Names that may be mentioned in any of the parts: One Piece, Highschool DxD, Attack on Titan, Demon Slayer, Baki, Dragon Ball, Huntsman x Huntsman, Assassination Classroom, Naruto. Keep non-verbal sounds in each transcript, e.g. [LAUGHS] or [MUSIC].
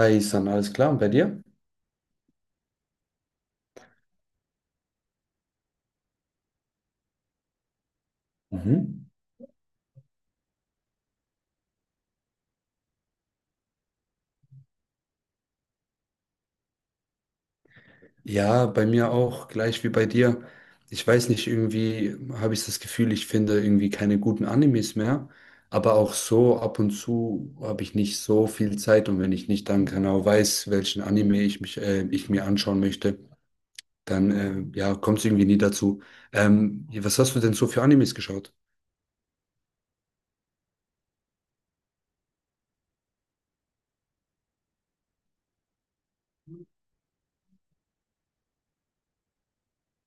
Hi, San, alles klar? Und bei dir? Mhm. Ja, bei mir auch, gleich wie bei dir. Ich weiß nicht, irgendwie habe ich das Gefühl, ich finde irgendwie keine guten Animes mehr. Aber auch so, ab und zu habe ich nicht so viel Zeit, und wenn ich nicht dann genau weiß, welchen Anime ich mir anschauen möchte, dann ja, kommt es irgendwie nie dazu. Was hast du denn so für Animes geschaut?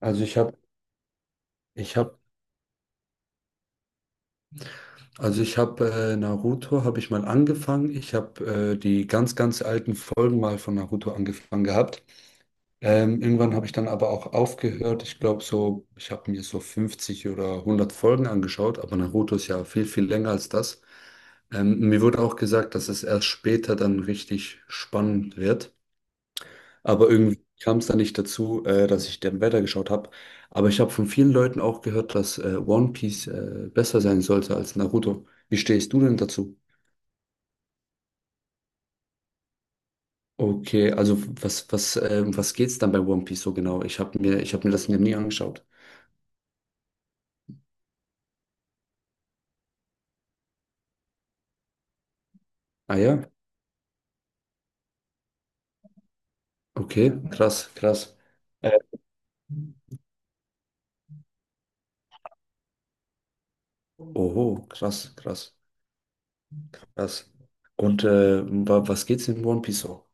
Also ich habe ich hab Also ich habe Naruto, habe ich mal angefangen. Ich habe die ganz, ganz alten Folgen mal von Naruto angefangen gehabt. Irgendwann habe ich dann aber auch aufgehört. Ich glaube so, ich habe mir so 50 oder 100 Folgen angeschaut, aber Naruto ist ja viel, viel länger als das. Mir wurde auch gesagt, dass es erst später dann richtig spannend wird. Aber irgendwie kam es dann nicht dazu, dass ich dann weitergeschaut habe. Aber ich habe von vielen Leuten auch gehört, dass One Piece besser sein sollte als Naruto. Wie stehst du denn dazu? Okay, also was geht's dann bei One Piece so genau? Ich habe mir das nie angeschaut. Ah ja, okay, krass, krass. Oho, krass, krass, krass. Und wa was geht's in One Piece so?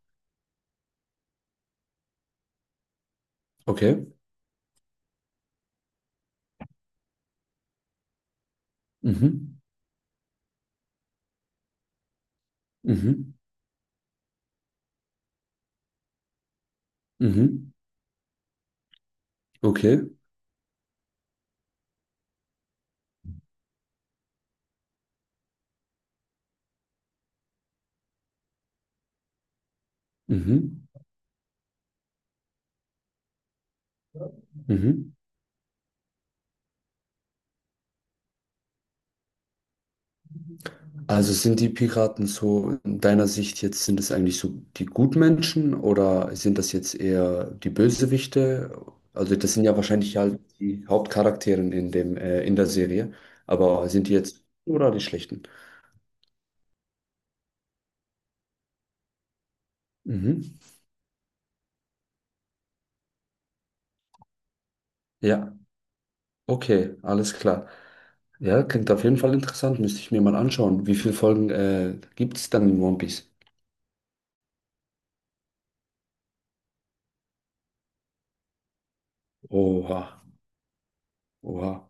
Okay. Mhm. Mhm. Mhm. Okay. Mhm. Mhm. Also sind die Piraten so, in deiner Sicht jetzt, sind es eigentlich so die Gutmenschen, oder sind das jetzt eher die Bösewichte? Also das sind ja wahrscheinlich halt die Hauptcharaktere in in der Serie, aber sind die jetzt oder die Schlechten? Mhm. Ja, okay, alles klar. Ja, klingt auf jeden Fall interessant, müsste ich mir mal anschauen. Wie viele Folgen, gibt es dann in One Piece? Oha, oha.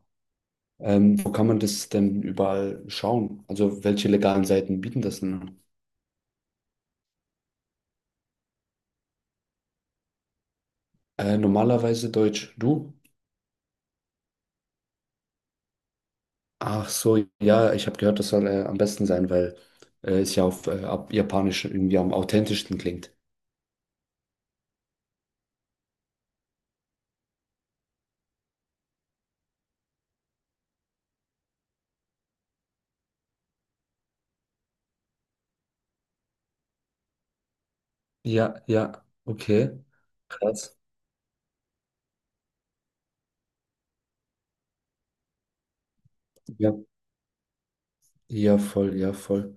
Wo kann man das denn überall schauen? Also welche legalen Seiten bieten das denn an? Normalerweise Deutsch. Du? Ach so, ja, ich habe gehört, das soll am besten sein, weil es ja auf ab Japanisch irgendwie am authentischsten klingt. Ja, ja, okay. Krass. Ja, ja, voll, ja, voll.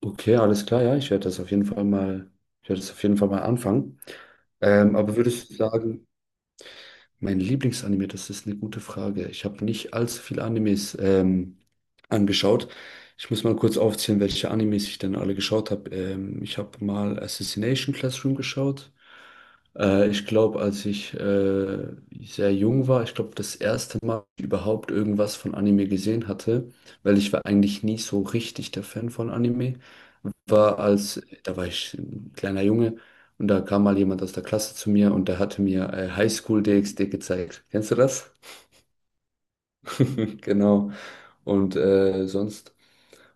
Okay, alles klar, ja, ich werde das auf jeden Fall mal anfangen. Ähm, aber würdest du sagen, Mein Lieblingsanime, das ist eine gute Frage. Ich habe nicht allzu viele Animes angeschaut. Ich muss mal kurz aufzählen, welche Animes ich denn alle geschaut habe. Ich habe mal Assassination Classroom geschaut. Ich glaube, als ich sehr jung war, ich glaube, das erste Mal überhaupt irgendwas von Anime gesehen hatte, weil ich war eigentlich nie so richtig der Fan von Anime war, als, da war ich ein kleiner Junge, und da kam mal jemand aus der Klasse zu mir, und der hatte mir Highschool DxD gezeigt. Kennst du das? [LAUGHS] Genau. Und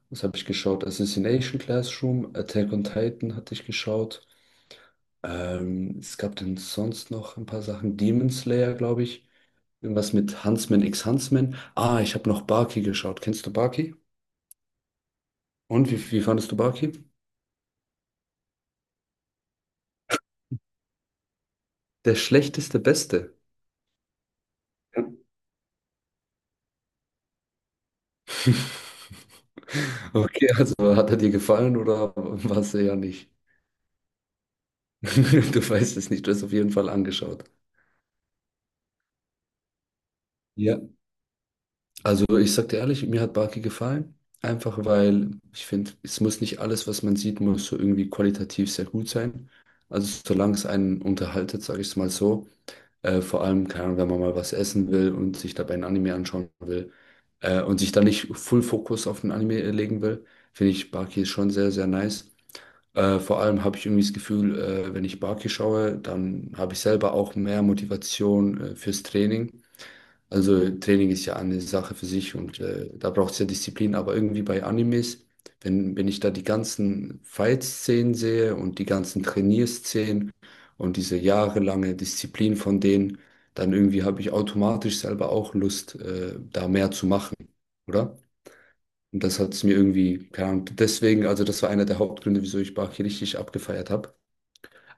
was habe ich geschaut? Assassination Classroom, Attack on Titan hatte ich geschaut. Es gab denn sonst noch ein paar Sachen. Demon Slayer, glaube ich. Irgendwas mit Huntsman x Huntsman. Ah, ich habe noch Baki geschaut. Kennst du Baki? Und wie fandest du Baki? Der schlechteste Beste. [LAUGHS] Okay, also hat er dir gefallen oder war es eher nicht? [LAUGHS] Du weißt es nicht, du hast auf jeden Fall angeschaut. Ja, also ich sag dir ehrlich, mir hat Barki gefallen. Einfach weil ich finde, es muss nicht alles, was man sieht, muss so irgendwie qualitativ sehr gut sein. Also solange es einen unterhaltet, sage ich es mal so. Vor allem, keine Ahnung, wenn man mal was essen will und sich dabei ein Anime anschauen will und sich dann nicht Full Fokus auf den Anime legen will, finde ich Barki schon sehr, sehr nice. Vor allem habe ich irgendwie das Gefühl, wenn ich Barki schaue, dann habe ich selber auch mehr Motivation fürs Training. Also Training ist ja eine Sache für sich, und da braucht es ja Disziplin, aber irgendwie bei Animes, wenn ich da die ganzen Fight-Szenen sehe und die ganzen Trainierszenen und diese jahrelange Disziplin von denen, dann irgendwie habe ich automatisch selber auch Lust, da mehr zu machen, oder? Und das hat es mir irgendwie, keine Ahnung, deswegen, also das war einer der Hauptgründe, wieso ich Bach richtig abgefeiert habe.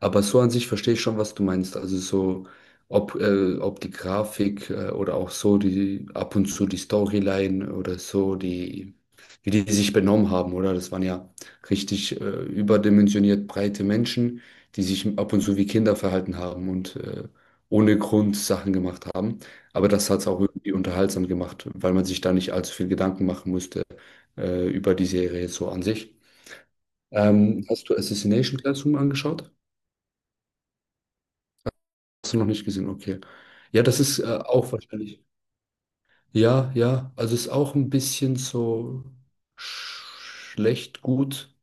Aber so an sich verstehe ich schon, was du meinst. Also so, ob die Grafik oder auch so die ab und zu die Storyline oder so, die, wie die sich benommen haben, oder? Das waren ja richtig überdimensioniert breite Menschen, die sich ab und zu wie Kinder verhalten haben und ohne Grund Sachen gemacht haben. Aber das hat es auch irgendwie unterhaltsam gemacht, weil man sich da nicht allzu viel Gedanken machen musste über die Serie so an sich. Hast du Assassination Classroom angeschaut? Hast du noch nicht gesehen, okay. Ja, das ist auch wahrscheinlich. Ja, ja, also es ist auch ein bisschen so sch- schlecht, gut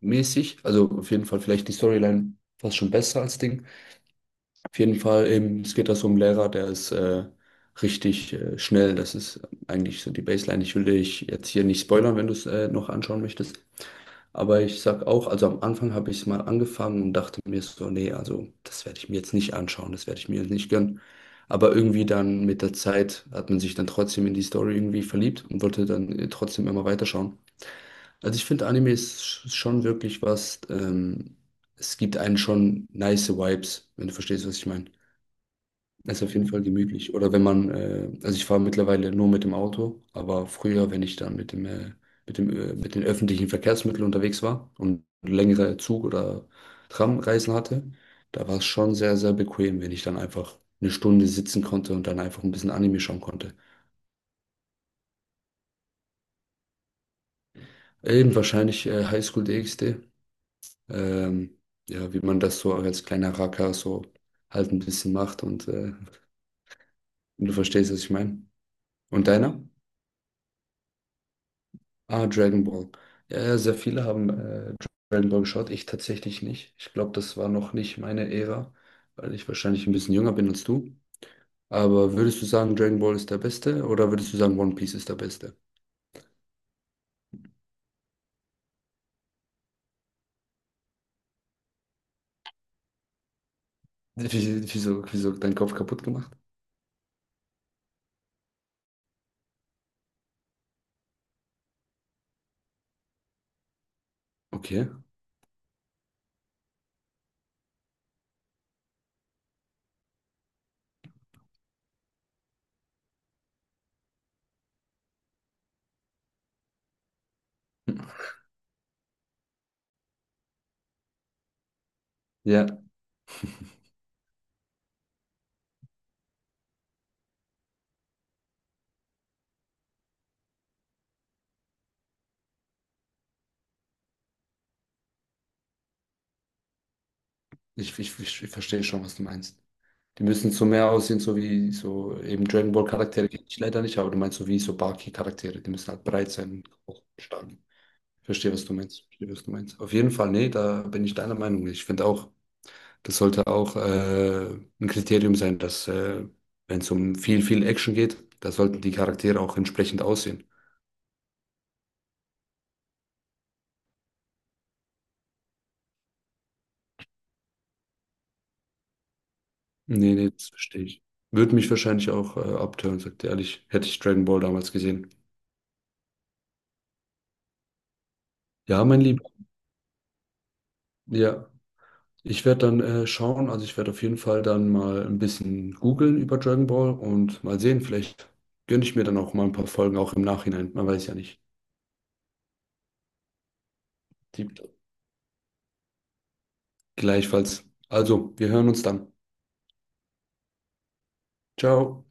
mäßig. Also auf jeden Fall vielleicht die Storyline fast schon besser als Ding. Auf jeden Fall, eben, es geht da so um einen Lehrer, der ist richtig schnell. Das ist eigentlich so die Baseline. Ich will dich jetzt hier nicht spoilern, wenn du es noch anschauen möchtest. Aber ich sag auch, also am Anfang habe ich es mal angefangen und dachte mir so, nee, also das werde ich mir jetzt nicht anschauen, das werde ich mir jetzt nicht gönnen. Aber irgendwie dann mit der Zeit hat man sich dann trotzdem in die Story irgendwie verliebt und wollte dann trotzdem immer weiterschauen. Also ich finde, Anime ist schon wirklich was, es gibt einen schon nice Vibes, wenn du verstehst, was ich meine. Das ist auf jeden Fall gemütlich. Oder wenn man, also ich fahre mittlerweile nur mit dem Auto, aber früher, wenn ich dann mit den öffentlichen Verkehrsmitteln unterwegs war und längere Zug- oder Tramreisen hatte, da war es schon sehr, sehr bequem, wenn ich dann einfach eine Stunde sitzen konnte und dann einfach ein bisschen Anime schauen konnte. Eben wahrscheinlich Highschool DxD. Ähm, ja, wie man das so als kleiner Racker so halt ein bisschen macht und du verstehst, was ich meine. Und deiner? Ah, Dragon Ball. Ja, ja, sehr viele haben Dragon Ball geschaut. Ich tatsächlich nicht. Ich glaube, das war noch nicht meine Ära, weil ich wahrscheinlich ein bisschen jünger bin als du. Aber würdest du sagen, Dragon Ball ist der Beste, oder würdest du sagen, One Piece ist der Beste? [LAUGHS] Wieso, wieso dein Kopf kaputt gemacht? Okay. Hm. Ja, ich verstehe schon, was du meinst. Die müssen so mehr aussehen, so wie so eben Dragon Ball Charaktere kenne ich leider nicht, aber du meinst so wie so Baki Charaktere. Die müssen halt breit sein und stark. Verstehe, was du meinst. Verstehe, was du meinst. Auf jeden Fall, nee, da bin ich deiner Meinung. Ich finde auch, das sollte auch ein Kriterium sein, dass wenn es um viel, viel Action geht, da sollten die Charaktere auch entsprechend aussehen. Nee, nee, das verstehe ich. Würde mich wahrscheinlich auch abtören, sagt er ehrlich, hätte ich Dragon Ball damals gesehen. Ja, mein Lieber. Ja, ich werde dann schauen, also ich werde auf jeden Fall dann mal ein bisschen googeln über Dragon Ball und mal sehen, vielleicht gönne ich mir dann auch mal ein paar Folgen auch im Nachhinein. Man weiß ja nicht. Die Gleichfalls. Also, wir hören uns dann. Ciao.